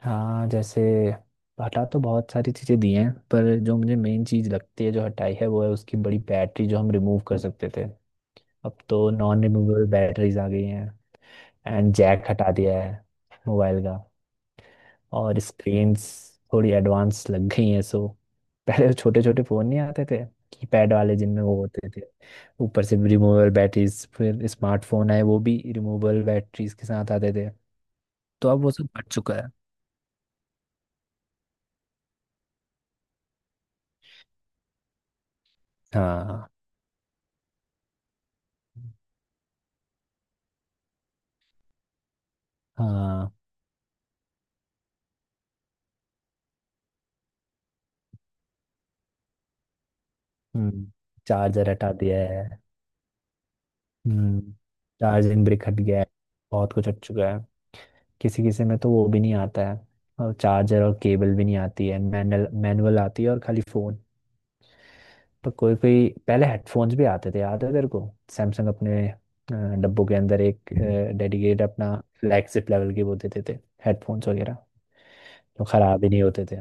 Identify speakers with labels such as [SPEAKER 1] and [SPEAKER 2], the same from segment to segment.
[SPEAKER 1] हाँ, जैसे हटा तो बहुत सारी चीज़ें दी हैं, पर जो मुझे मेन चीज़ लगती है जो हटाई है वो है उसकी बड़ी बैटरी जो हम रिमूव कर सकते थे। अब तो नॉन रिमूवेबल बैटरीज आ गई हैं। एंड जैक हटा दिया है मोबाइल का। और स्क्रीन्स थोड़ी एडवांस लग गई हैं, सो पहले छोटे छोटे फ़ोन नहीं आते थे, कीपैड वाले जिनमें वो होते थे। ऊपर से रिमूवेबल बैटरीज, फिर स्मार्टफोन आए वो भी रिमूवेबल बैटरीज के साथ आते थे। तो अब वो सब हट चुका है। हाँ हाँ। हम्म। चार्जर हटा दिया है। हम्म। चार्जिंग ब्रिक हट गया है। बहुत कुछ हट चुका है। किसी किसी में तो वो भी नहीं आता है और चार्जर और केबल भी नहीं आती है, मैनुअल मैनुअल आती है और खाली फोन। पर कोई कोई पहले हेडफोन्स भी आते थे, याद है तेरे को? सैमसंग अपने डब्बों के अंदर एक डेडिकेट अपना, फ्लैगशिप लेवल के वो देते थे, हेडफोन्स वगैरह, जो खराब ही नहीं होते थे।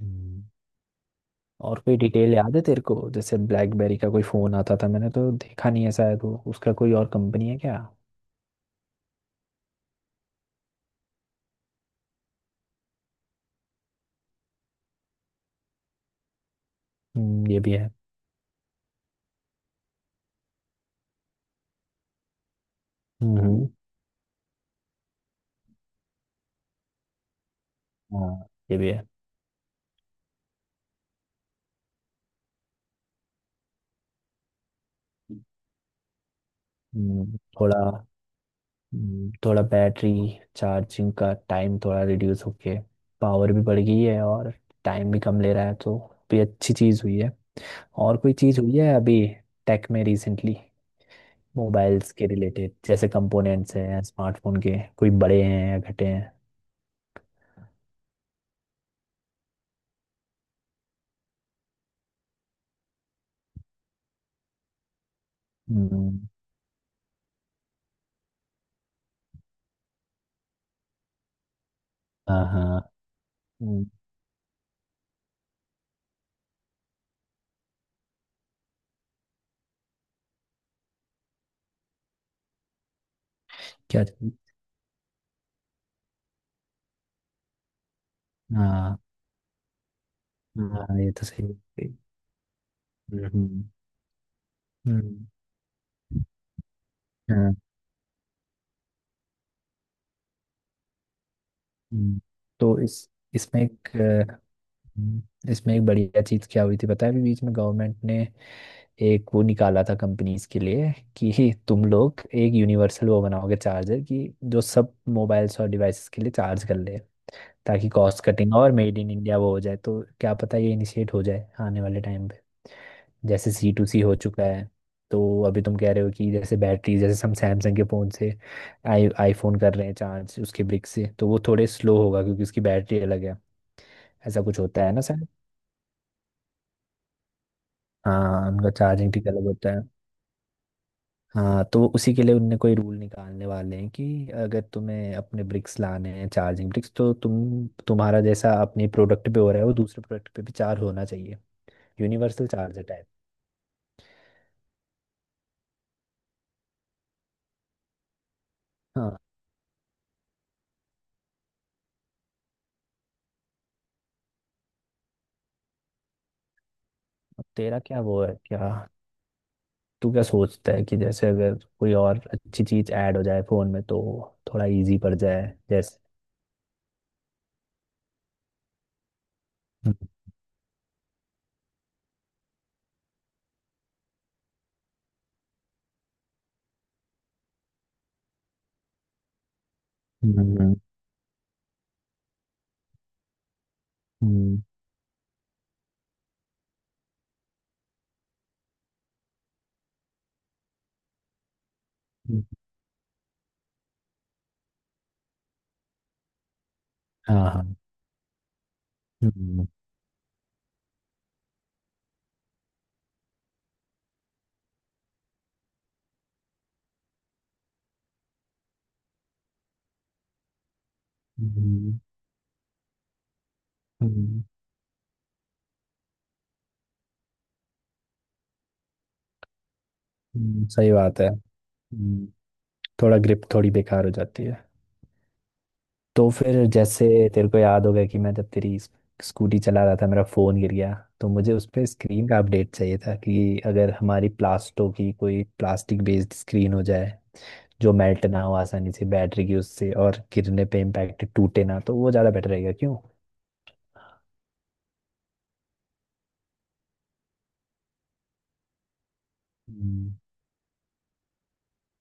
[SPEAKER 1] हम्म। और कोई डिटेल याद है तेरे को, जैसे ब्लैकबेरी का कोई फ़ोन आता था? मैंने तो देखा नहीं है, शायद वो उसका कोई और कंपनी है क्या? ये भी है। हम्म। हाँ, ये भी है। थोड़ा। थोड़ा बैटरी चार्जिंग का टाइम थोड़ा रिड्यूस होके पावर भी बढ़ गई है और टाइम भी कम ले रहा है, तो भी अच्छी चीज़ हुई है। और कोई चीज़ हुई है अभी टेक में रिसेंटली, मोबाइल्स के रिलेटेड, जैसे कंपोनेंट्स हैं स्मार्टफोन के, कोई बड़े हैं या घटे हैं? हम्म, हाँ हाँ। क्या चाहिए? हाँ हाँ, ये तो सही है। हम्म। हम्म, हाँ। हम्म। तो इस इसमें एक अ, हम्म, इसमें एक बढ़िया चीज क्या हुई थी पता है, अभी बीच में गवर्नमेंट ने एक वो निकाला था कंपनीज के लिए कि तुम लोग एक यूनिवर्सल वो बनाओगे चार्जर, कि जो सब मोबाइल्स और डिवाइसेस के लिए चार्ज कर ले। ताकि कॉस्ट कटिंग और मेड इन इंडिया वो हो जाए, तो क्या पता ये इनिशिएट हो जाए आने वाले टाइम पे। जैसे सी टू सी हो चुका है। तो अभी तुम कह रहे हो कि जैसे बैटरी, जैसे हम सैमसंग के फ़ोन से आई आईफोन कर रहे हैं चार्ज उसके ब्रिक से, तो वो थोड़े स्लो होगा क्योंकि उसकी बैटरी अलग है, ऐसा कुछ होता है ना सर? हाँ, उनका चार्जिंग ठीक अलग होता है। हाँ, तो उसी के लिए उनने कोई रूल निकालने वाले हैं, कि अगर तुम्हें अपने ब्रिक्स लाने हैं चार्जिंग ब्रिक्स, तो तुम तुम्हारा जैसा अपने प्रोडक्ट पे हो रहा है वो दूसरे प्रोडक्ट पे भी चार्ज होना चाहिए। यूनिवर्सल चार्ज है टाइप। हाँ। अब तेरा क्या वो है क्या, तू क्या सोचता है कि जैसे अगर कोई और अच्छी चीज ऐड हो जाए फोन में तो थोड़ा इजी पड़ जाए? जैसे। हम्म। हम्म, हम्म, हम्म, हाँ हाँ। हम्म। हम्म, हम्म, सही बात है। हम्म, थोड़ा ग्रिप थोड़ी बेकार हो जाती है। तो फिर जैसे तेरे को याद होगा कि मैं जब तेरी स्कूटी चला रहा था, मेरा फ़ोन गिर गया। तो मुझे उस पर स्क्रीन का अपडेट चाहिए था कि अगर हमारी प्लास्टो की कोई प्लास्टिक बेस्ड स्क्रीन हो जाए, जो मेल्ट ना हो आसानी से बैटरी की उससे और गिरने पे इम्पैक्ट टूटे ना, तो वो ज़्यादा बेटर रहेगा क्यों? हम्म,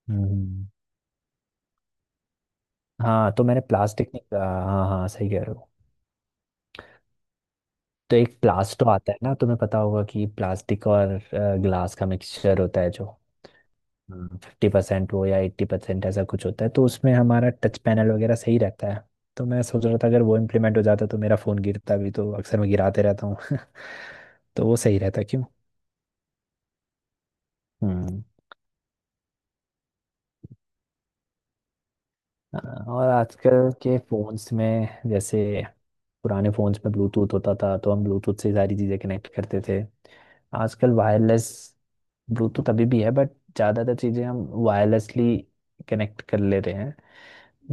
[SPEAKER 1] हम्म। हाँ तो मैंने प्लास्टिक नहीं कहा, हाँ हाँ सही कह रहे हो। तो एक प्लास्टो आता है ना, तुम्हें पता होगा कि प्लास्टिक और ग्लास का मिक्सचर होता है, जो 50% हो या 80%, ऐसा कुछ होता है, तो उसमें हमारा टच पैनल वगैरह सही रहता है। तो मैं सोच रहा था अगर वो इम्प्लीमेंट हो जाता तो मेरा फ़ोन गिरता भी, तो अक्सर मैं गिराते रहता हूँ तो वो सही रहता क्यों। हम्म। हाँ, और आजकल के फ़ोन्स में जैसे पुराने फ़ोन्स में ब्लूटूथ होता था, तो हम ब्लूटूथ से सारी चीज़ें कनेक्ट करते थे। आजकल वायरलेस, ब्लूटूथ अभी भी है बट ज़्यादातर चीज़ें हम वायरलेसली कनेक्ट कर ले रहे हैं।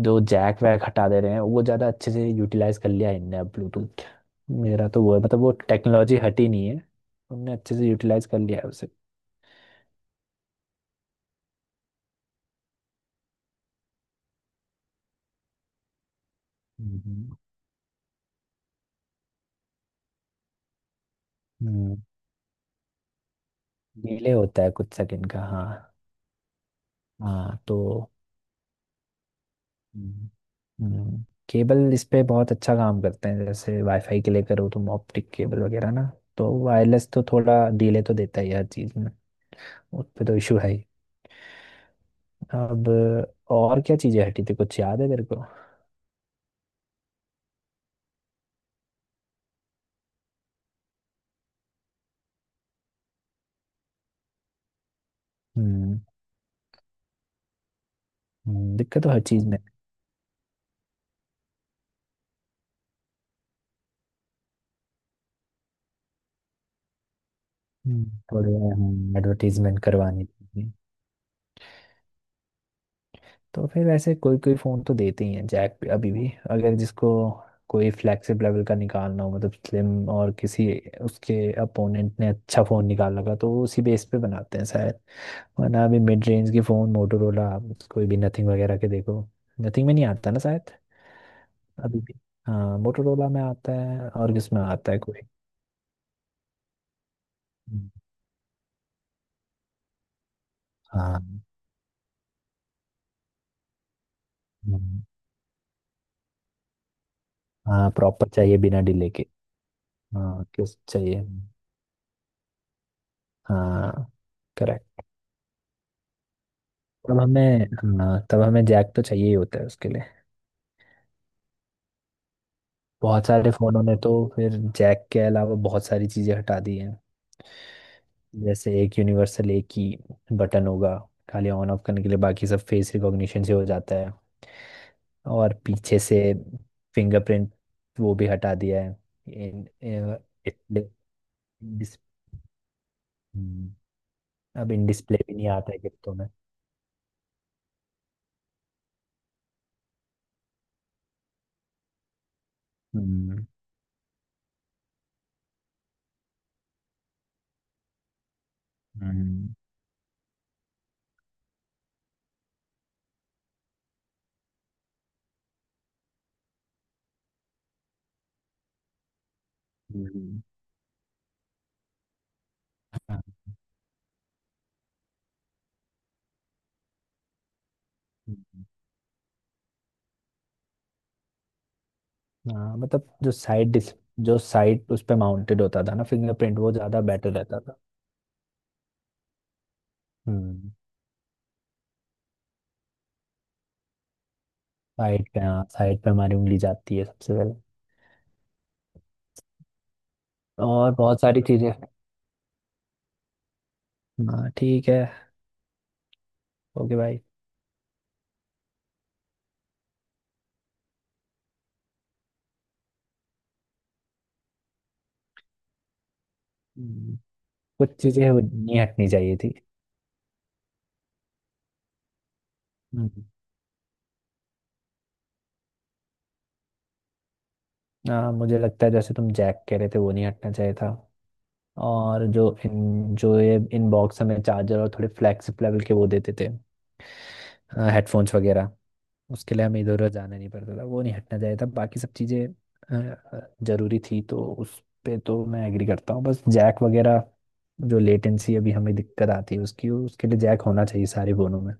[SPEAKER 1] जो जैक वैक हटा दे रहे हैं वो ज़्यादा अच्छे से यूटिलाइज कर लिया है इनने अब ब्लूटूथ। मेरा तो वो है मतलब वो टेक्नोलॉजी हटी नहीं है, उनने अच्छे से यूटिलाइज कर लिया है उसे। हम्म, डिले होता है कुछ सेकंड का, हाँ। हाँ तो। हम्म। हम्म, केबल इस पे बहुत अच्छा काम करते हैं, जैसे वाईफाई के लिए करो तुम ऑप्टिक केबल वगैरह ना। तो वायरलेस तो थोड़ा डिले तो देता ही है हर चीज़ में, उस पे तो इशू है ही। अब और क्या चीज़ें हटी थी, कुछ याद है तेरे को? हम्म। दिक्कत तो हर चीज़ में। हम्म, बढ़िया, हाँ एडवर्टीजमेंट करवानी थी। तो फिर वैसे कोई कोई फ़ोन तो देते ही हैं जैक पे अभी भी, अगर जिसको कोई फ्लैगशिप लेवल का निकालना हो मतलब स्लिम, और किसी उसके अपोनेंट ने अच्छा फ़ोन निकाल लगा तो वो उसी बेस पे बनाते हैं शायद। वरना अभी मिड रेंज के फ़ोन मोटोरोला, कोई भी नथिंग वगैरह के देखो, नथिंग में नहीं आता ना शायद अभी भी। हाँ मोटोरोला में आता है, और किसमें आता है कोई। हम्म, हाँ। हम्म, हाँ प्रॉपर चाहिए बिना डिले के। हाँ किस चाहिए। हाँ, करेक्ट। तब हमें, हाँ तब हमें जैक तो चाहिए ही होता है उसके लिए। बहुत सारे फोनों ने तो फिर जैक के अलावा बहुत सारी चीजें हटा दी हैं, जैसे एक यूनिवर्सल एक ही बटन होगा खाली ऑन ऑफ करने के लिए, बाकी सब फेस रिकॉग्निशन से हो जाता है। और पीछे से फिंगरप्रिंट वो भी हटा दिया है। In, in, display- dis- hmm, अब इन डिस्प्ले भी नहीं आता है गिफ्टों में। हम्म। हम्म। हम्म, हाँ, हम्म। हाँ मतलब जो साइड उस पे माउंटेड होता था ना फिंगरप्रिंट, वो ज्यादा बेटर रहता था। हम्म। साइड पे, हाँ साइड पे हमारी उंगली जाती है सबसे पहले। और बहुत सारी चीजें। हाँ ठीक है। ओके भाई। हम्म, कुछ चीजें वो नहीं हटनी चाहिए थी। हम्म, हाँ मुझे लगता है जैसे तुम जैक कह रहे थे वो नहीं हटना चाहिए था। और जो ये इनबॉक्स हमें चार्जर और थोड़े फ्लैगशिप लेवल के वो देते थे हेडफोन्स वगैरह, उसके लिए हमें इधर उधर जाना नहीं पड़ता था, वो नहीं हटना चाहिए था। बाकी सब चीज़ें जरूरी थी तो उस पे तो मैं एग्री करता हूँ। बस जैक वगैरह, जो लेटेंसी अभी हमें दिक्कत आती है उसकी, उसके लिए जैक होना चाहिए सारे फोनों में।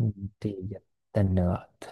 [SPEAKER 1] हम्म। ठीक है, धन्यवाद।